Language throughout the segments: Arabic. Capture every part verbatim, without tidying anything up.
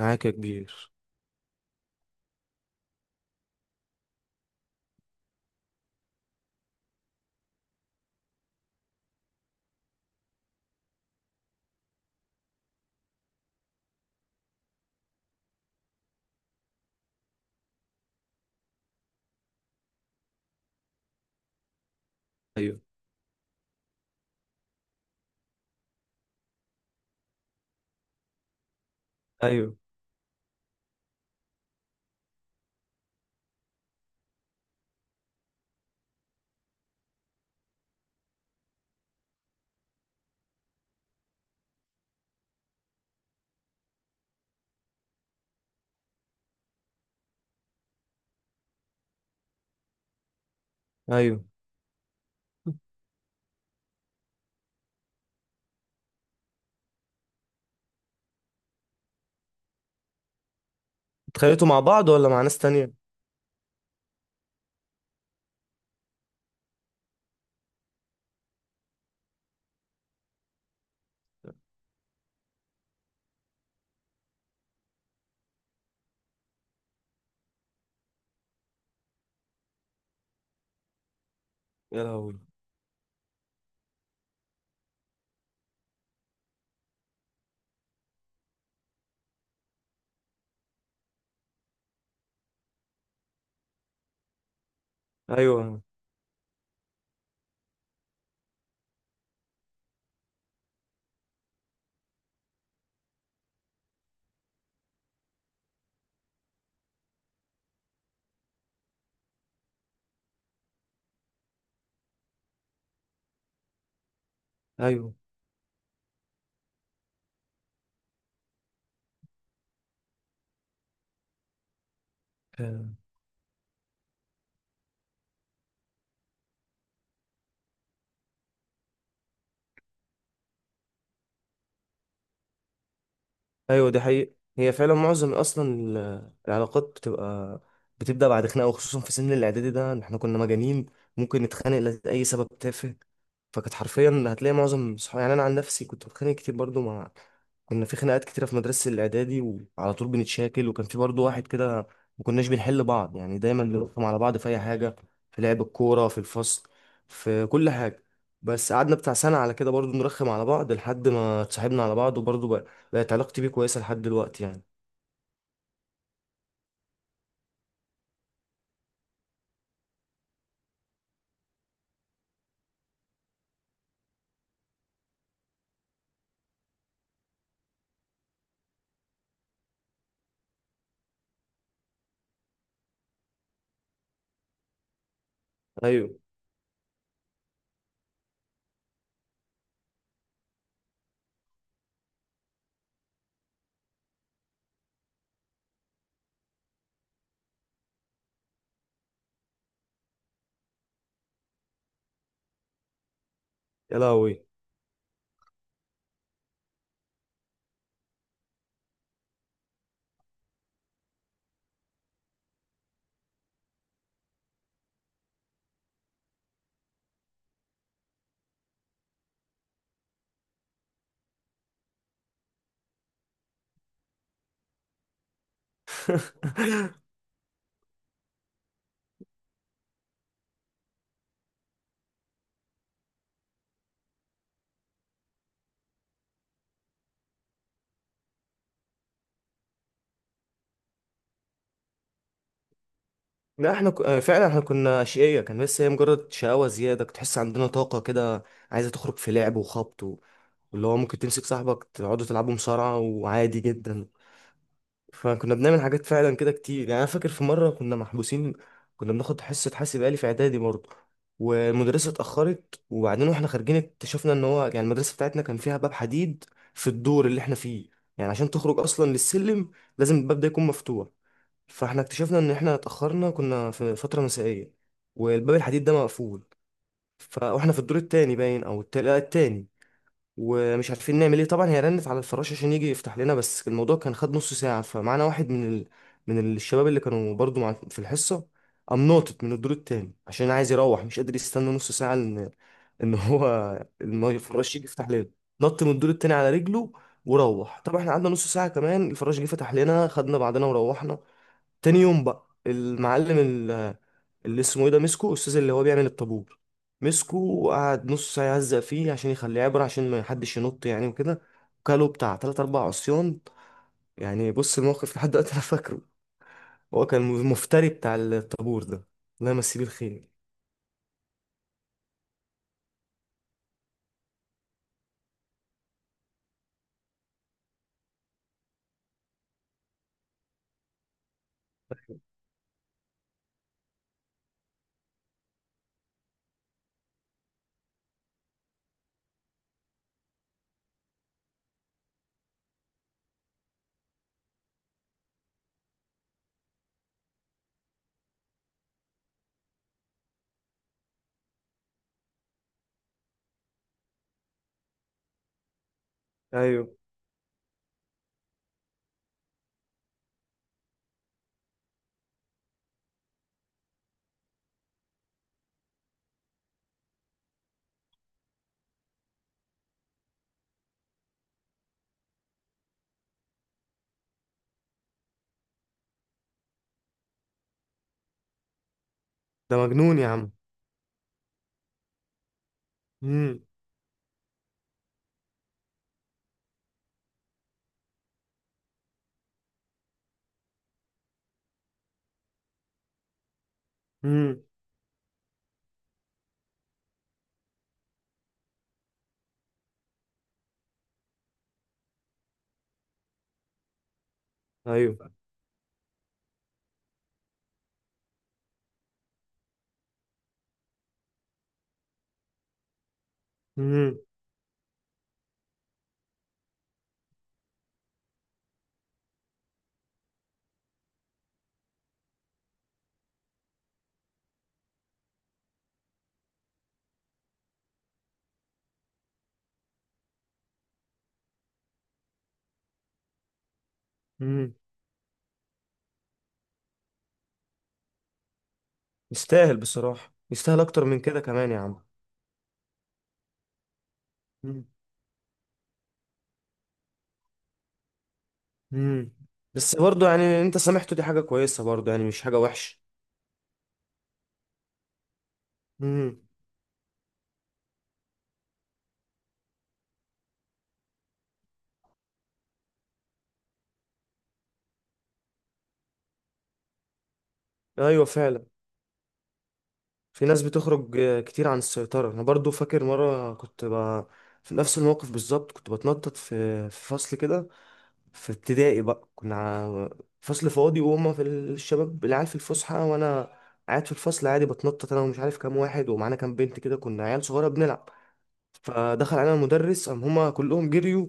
معاك يا كبير. ايوه ايوه ايوه اتخانقتوا مع بعض ولا مع ناس تانية؟ يا لهوي. ايوه ايوه ايوه دي حقيقة، هي فعلا معظم اصلا ال- العلاقات بتبقى بتبدا بعد خناقه، وخصوصا في سن الاعدادي ده، إن احنا كنا مجانين، ممكن نتخانق لاي سبب تافه. فكانت حرفيا هتلاقي معظم صحابي، يعني انا عن نفسي كنت بتخانق كتير برضو مع، كنا في خناقات كتيره في مدرسه الاعدادي، وعلى طول بنتشاكل، وكان في برضو واحد كده ما كناش بنحل بعض، يعني دايما بنرخم على بعض في اي حاجه، في لعب الكوره، في الفصل، في كل حاجه. بس قعدنا بتاع سنه على كده برضو نرخم على بعض لحد ما اتصاحبنا على بعض، وبرضو بقى بقت علاقتي بيه كويسة لحد دلوقتي يعني. ايوه. يا لهوي. لا احنا ك... آه، فعلا احنا كنا اشقية كان، بس هي مجرد شقاوة زيادة، كنت تحس عندنا طاقة كده عايزة تخرج في لعب وخبط و... واللي هو ممكن تمسك صاحبك تقعدوا تلعبوا مصارعة وعادي جدا. فكنا بنعمل حاجات فعلا كده كتير، يعني انا فاكر في مرة كنا محبوسين. كنا بناخد حصة حاسب آلي في اعدادي برضه، والمدرسة اتأخرت، وبعدين واحنا خارجين اكتشفنا ان هو يعني المدرسة بتاعتنا كان فيها باب حديد في الدور اللي احنا فيه. يعني عشان تخرج اصلا للسلم لازم الباب ده يكون مفتوح. فاحنا اكتشفنا ان احنا اتاخرنا، كنا في فتره مسائيه، والباب الحديد ده مقفول. ف- واحنا في الدور التاني باين او التالت، لا، التاني، ومش عارفين نعمل ايه. طبعا هي رنت على الفراش عشان يجي يفتح لنا، بس الموضوع كان خد نص ساعه. فمعانا واحد من ال... من الشباب اللي كانوا برضو مع... في الحصه، قام ناطط من الدور التاني عشان عايز يروح، مش قادر يستنى نص ساعه ان ان هو إن هو الفراش يجي يفتح لنا. نط من الدور التاني على رجله وروح. طبعا احنا قعدنا نص ساعه كمان، الفراش جه فتح لنا، خدنا بعضنا وروحنا. تاني يوم بقى المعلم ال- اللي اسمه ايه ده مسكه، الاستاذ اللي هو بيعمل الطابور، مسكه وقعد نص ساعه يهزق فيه عشان يخليه عبره عشان ما حدش ينط يعني وكده، وكاله بتاع تلات اربع عصيان. يعني بص الموقف لحد دلوقتي انا فاكره. هو كان المفتري بتاع الطابور ده، الله يمسيه بالخير. ايوه. ده مجنون يا عم. امم. امم. ايوه. امم. امم. يستاهل بصراحه، يستاهل اكتر من كده كمان يا عم. مم. امم. بس برضه يعني انت سامحته، دي حاجة كويسة برضه، يعني مش حاجة وحشة. امم. ايوه فعلا. في ناس بتخرج آه، كتير عن السيطرة. انا برضه فاكر مرة كنت ب... في نفس الموقف بالظبط، كنت بتنطط في في فصل كده، في ابتدائي بقى. كنا ع- فصل فاضي وهما في الشباب العيال في الفسحة، وانا قاعد في الفصل عادي بتنطط انا ومش عارف كام واحد، ومعانا كام بنت كده، كنا عيال صغيرة بنلعب. فدخل علينا المدرس، قام هما كلهم جريوا،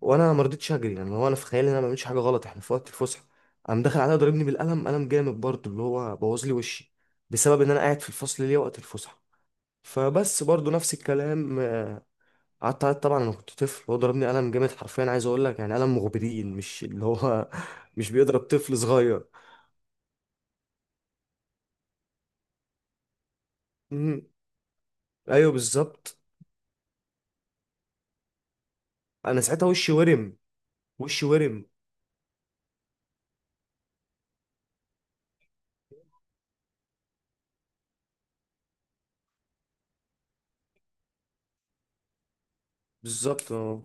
وانا ما رضيتش اجري، يعني هو انا في خيالي ان انا ما بعملش حاجه غلط، احنا في وقت الفسحه. قام داخل عليا ضاربني بالقلم، قلم جامد برضه اللي هو بوظ لي وشي، بسبب ان انا قاعد في الفصل ليه وقت الفسحه. فبس برضه نفس الكلام. آه، قعدت أعيط طبعا، انا كنت طفل، هو ضربني قلم جامد حرفيا، عايز اقول لك يعني قلم مغبرين، مش اللي هو مش بيضرب طفل صغير. مم. ايوه بالظبط. انا ساعتها وشي ورم، وشي ورم. بالظبط اه.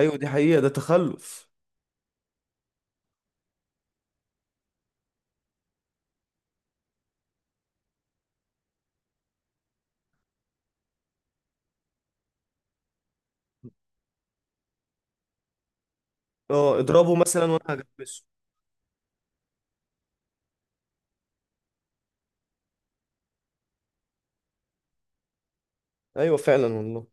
ايوه دي حقيقه، ده تخلف. اه اضربه مثلا وانا هجبسه. ايوه فعلا والله.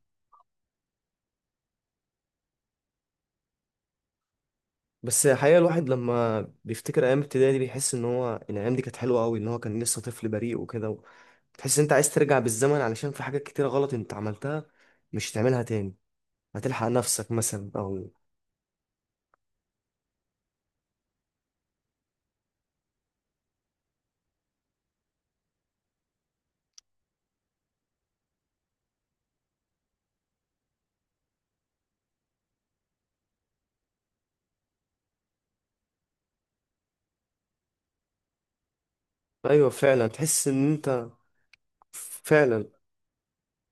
بس الحقيقة الواحد لما بيفتكر أيام ابتدائي دي بيحس إن هو إن الأيام دي كانت حلوة أوي، إن هو كان لسه طفل بريء وكده. تحس إن أنت عايز ترجع بالزمن، علشان في حاجات كتيرة غلط أنت عملتها مش هتعملها تاني، هتلحق نفسك مثلا أو. أيوة فعلا، تحس إن أنت فعلا.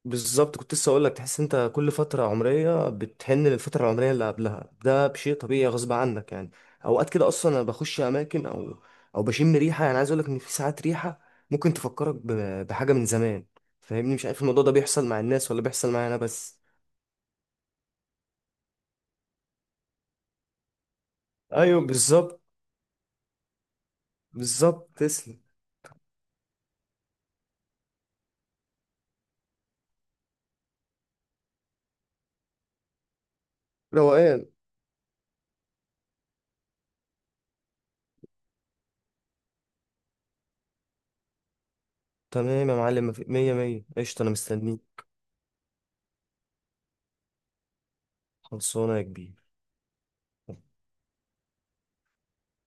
بالظبط، كنت لسه اقول لك تحس انت كل فتره عمريه بتحن للفتره العمريه اللي قبلها، ده بشيء طبيعي غصب عنك يعني. اوقات كده اصلا انا بخش اماكن او او بشم ريحه، يعني عايز اقول لك ان في ساعات ريحه ممكن تفكرك ب- بحاجه من زمان. فاهمني؟ مش عارف الموضوع ده بيحصل مع الناس ولا بيحصل معايا انا بس. ايوه بالظبط. بالظبط، تسلم. روقان. تمام يا معلم، مفي- مية مية، قشطه انا مستنيك. خلصانه يا كبير.